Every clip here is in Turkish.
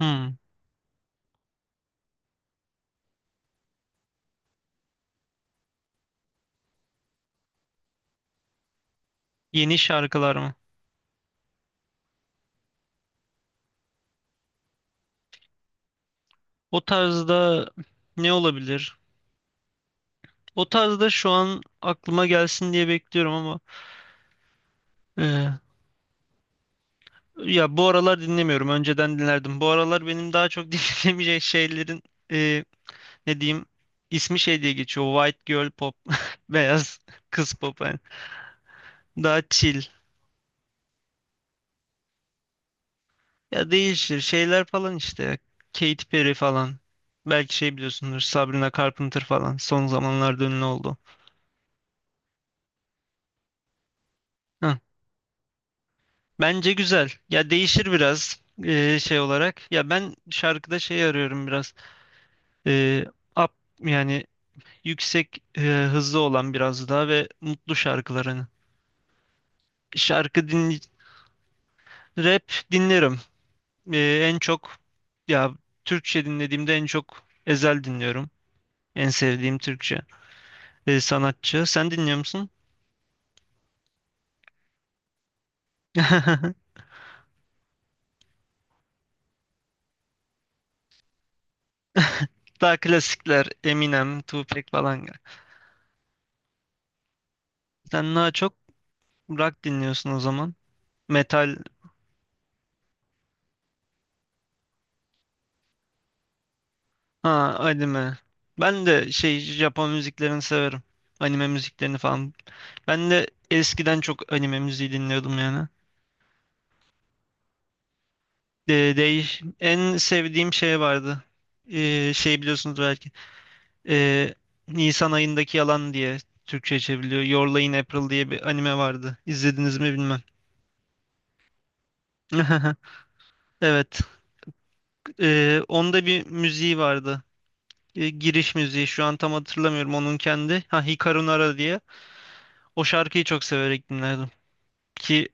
Hmm, yeni şarkılar mı? O tarzda ne olabilir? O tarzda şu an aklıma gelsin diye bekliyorum ama e, ya bu aralar dinlemiyorum. Önceden dinlerdim. Bu aralar benim daha çok dinlemeyecek şeylerin e, ne diyeyim ismi şey diye geçiyor. White girl pop, beyaz kız pop yani. Daha chill. Ya değişir şeyler falan işte. Katy Perry falan. Belki şey biliyorsundur Sabrina Carpenter falan. Son zamanlarda ünlü oldu. Bence güzel. Ya değişir biraz şey olarak. Ya ben şarkıda şey arıyorum biraz. Eee up yani yüksek hızlı olan biraz daha ve mutlu şarkılarını. Şarkı din Rap dinlerim. En çok ya Türkçe dinlediğimde en çok Ezel dinliyorum. En sevdiğim Türkçe sanatçı. Sen dinliyor musun? Daha klasikler Eminem, Tupac falan. Sen daha çok rock dinliyorsun o zaman. Metal. Ha, anime. Ben de şey Japon müziklerini severim. Anime müziklerini falan. Ben de eskiden çok anime müziği dinliyordum yani. De, değiş En sevdiğim şey vardı. Şey biliyorsunuz belki. Ee, Nisan ayındaki yalan diye Türkçe çevriliyor. Your Lie in April diye bir anime vardı. İzlediniz mi bilmem. Evet. Onda bir müziği vardı. Giriş müziği. Şu an tam hatırlamıyorum onun kendi. Ha, Hikaru Nara diye. O şarkıyı çok severek dinlerdim ki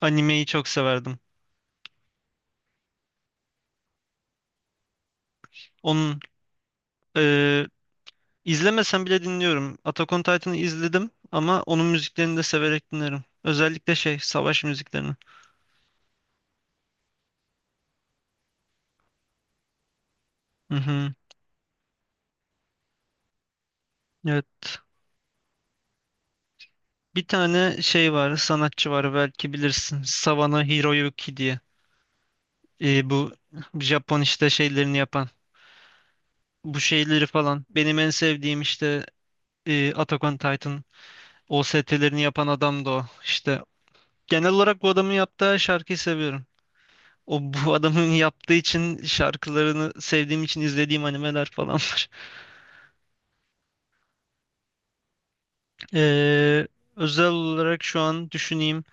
animeyi çok severdim. Onun e, izlemesem bile dinliyorum. Attack on Titan'ı izledim ama onun müziklerini de severek dinlerim. Özellikle şey savaş müziklerini. Hı hı. Evet. Bir tane şey var, sanatçı var belki bilirsin. Savano Hiroyuki diye. Bu Japon işte şeylerini yapan. Bu şeyleri falan. Benim en sevdiğim işte Attack on Titan OST'lerini yapan adam da o. İşte genel olarak bu adamın yaptığı her şarkıyı seviyorum. O bu adamın yaptığı için şarkılarını sevdiğim için izlediğim animeler falan var. Ee, Özel olarak şu an düşüneyim.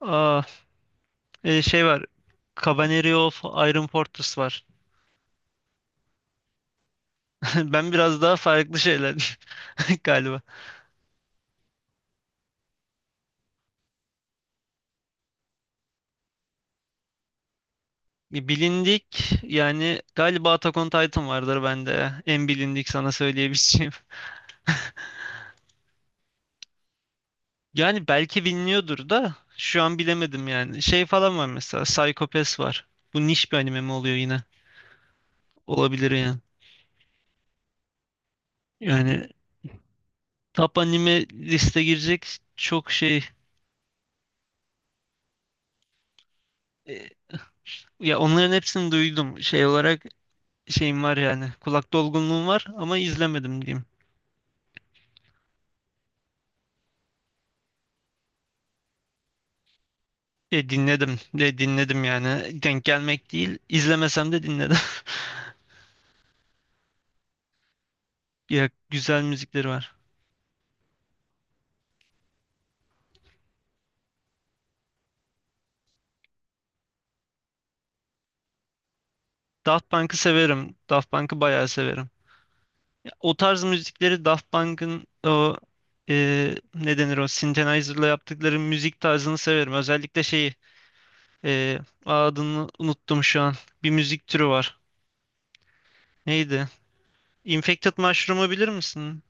Aa, Şey var. Cavalry of Iron Fortress var. Ben biraz daha farklı şeyler galiba. Bilindik yani galiba Attack on Titan vardır bende. En bilindik sana söyleyebileceğim. Yani belki biliniyordur da şu an bilemedim yani. Şey falan var mesela Psycho Pass var. Bu niş bir anime mi oluyor yine? Olabilir yani. Yani top anime liste girecek çok şey e, ya onların hepsini duydum şey olarak şeyim var yani kulak dolgunluğum var ama izlemedim diyeyim. Dinledim de dinledim yani denk gelmek değil izlemesem de dinledim. Ya güzel müzikleri var. Daft Punk'ı severim. Daft Punk'ı bayağı severim. Ya, o tarz müzikleri Daft Punk'ın o ne denir o Synthesizer'la yaptıkları müzik tarzını severim. Özellikle şeyi e, adını unuttum şu an. Bir müzik türü var. Neydi? Infected Mushroom'u bilir misin?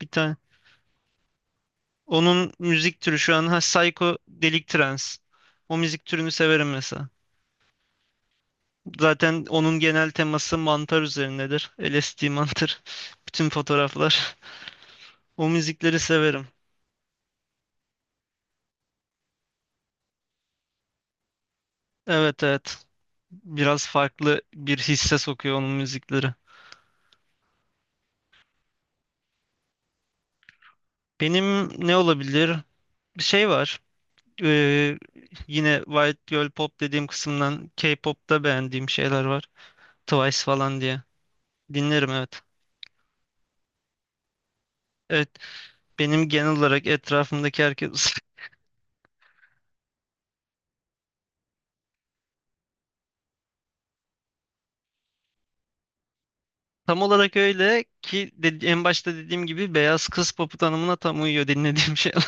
Bir tane. Onun müzik türü şu an ha, Psycho Delik Trance. O müzik türünü severim mesela. Zaten onun genel teması mantar üzerinedir. LSD mantar. Bütün fotoğraflar. O müzikleri severim. Evet, evet. Biraz farklı bir hisse sokuyor onun müzikleri. Benim ne olabilir? Bir şey var. Ee, Yine White Girl Pop dediğim kısımdan K-pop'ta beğendiğim şeyler var. Twice falan diye. Dinlerim, evet. Evet, benim genel olarak etrafımdaki herkes tam olarak öyle ki en başta dediğim gibi beyaz kız popu tanımına tam uyuyor dinlediğim şeyler.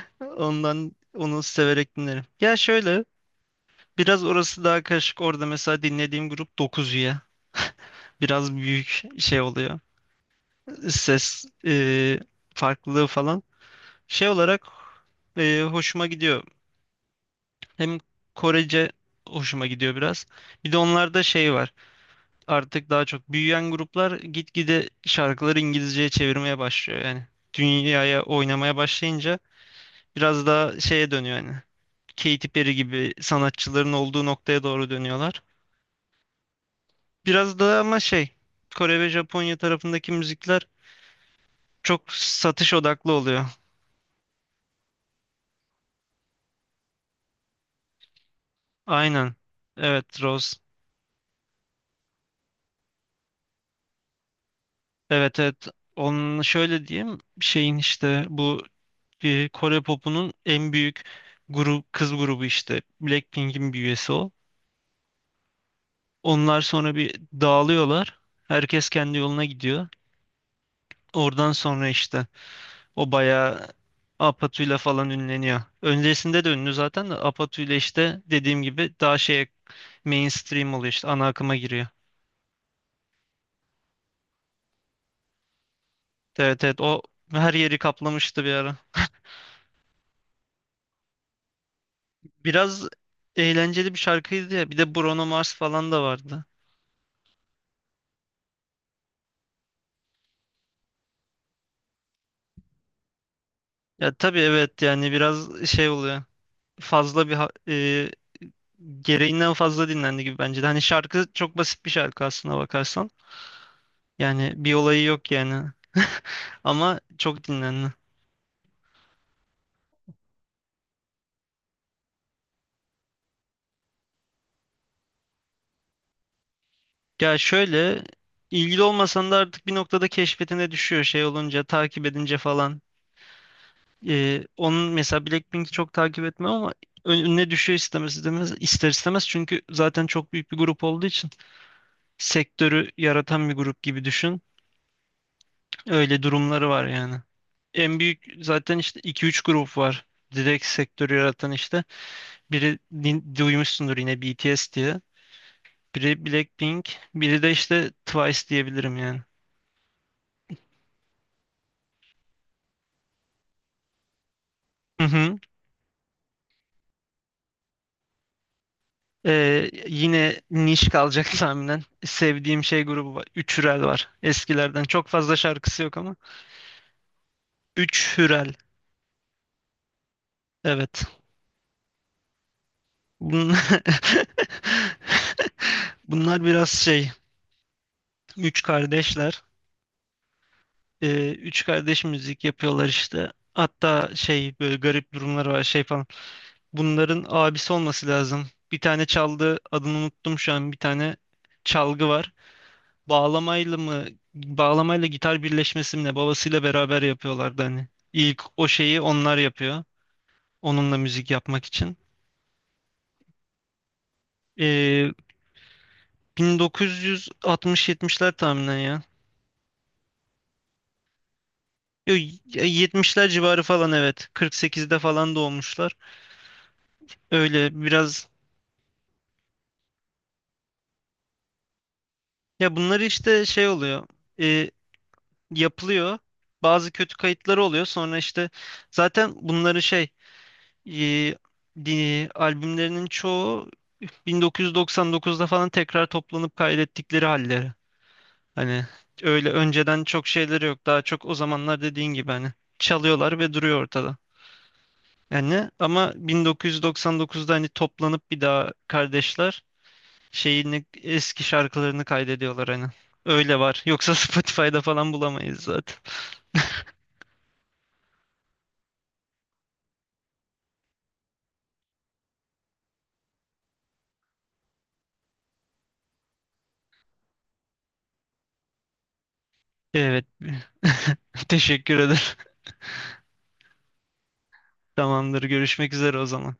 Ondan onu severek dinlerim. Ya şöyle biraz orası daha karışık. Orada mesela dinlediğim grup 9 üye. Biraz büyük şey oluyor. Ses farklılığı falan. Şey olarak hoşuma gidiyor. Hem Korece hoşuma gidiyor biraz. Bir de onlarda şey var. Artık daha çok büyüyen gruplar gitgide şarkıları İngilizceye çevirmeye başlıyor yani. Dünyaya oynamaya başlayınca biraz daha şeye dönüyor yani. Katy Perry gibi sanatçıların olduğu noktaya doğru dönüyorlar. Biraz da ama şey Kore ve Japonya tarafındaki müzikler çok satış odaklı oluyor. Aynen. Evet, Rose. Evet, evet. Onun şöyle diyeyim şeyin işte bu Kore popunun en büyük grup kız grubu işte Blackpink'in bir üyesi o. Onlar sonra bir dağılıyorlar. Herkes kendi yoluna gidiyor. Oradan sonra işte o bayağı Apatu'yla falan ünleniyor. Öncesinde de ünlü zaten de Apatu'yla işte dediğim gibi daha şeye mainstream oluyor işte ana akıma giriyor. Evet, evet, o her yeri kaplamıştı bir ara. Biraz eğlenceli bir şarkıydı ya. Bir de Bruno Mars falan da vardı. Ya tabii evet yani biraz şey oluyor. Fazla bir gereğinden fazla dinlendi gibi bence de. Hani şarkı çok basit bir şarkı aslına bakarsan. Yani bir olayı yok yani. Ama çok dinlendi. Ya şöyle ilgili olmasan da artık bir noktada keşfetine düşüyor şey olunca takip edince falan. Onun mesela Blackpink'i çok takip etmem ama önüne düşüyor istemez istemez ister istemez çünkü zaten çok büyük bir grup olduğu için sektörü yaratan bir grup gibi düşün. Öyle durumları var yani. En büyük zaten işte iki üç grup var. Direkt sektörü yaratan işte. Biri duymuşsundur yine BTS diye. Biri Blackpink, biri de işte Twice diyebilirim yani. Hı hı. Yine niş kalacak tahminen. Sevdiğim şey grubu var. Üç Hürel var. Eskilerden. Çok fazla şarkısı yok ama. Üç Hürel. Evet. Bun- Bunlar biraz şey. Üç kardeşler. Üç kardeş müzik yapıyorlar işte. Hatta şey böyle garip durumları var şey falan. Bunların abisi olması lazım. Bir tane çaldığı adını unuttum şu an. Bir tane çalgı var. Bağlamayla mı bağlamayla gitar birleşmesi mi ne babasıyla beraber yapıyorlardı hani. İlk o şeyi onlar yapıyor. Onunla müzik yapmak için. Ee, 1960-70'ler tahminen ya. Yo, 70'ler civarı falan evet. 48'de falan doğmuşlar. Öyle biraz ya bunları işte şey oluyor. Ee, Yapılıyor. Bazı kötü kayıtları oluyor. Sonra işte zaten bunları şey e, albümlerinin çoğu 1999'da falan tekrar toplanıp kaydettikleri halleri. Hani öyle önceden çok şeyleri yok. Daha çok o zamanlar dediğin gibi hani çalıyorlar ve duruyor ortada. Yani ama 1999'da hani toplanıp bir daha kardeşler şeyini eski şarkılarını kaydediyorlar hani. Öyle var. Yoksa Spotify'da falan bulamayız zaten. Evet. Teşekkür ederim. Tamamdır. Görüşmek üzere o zaman.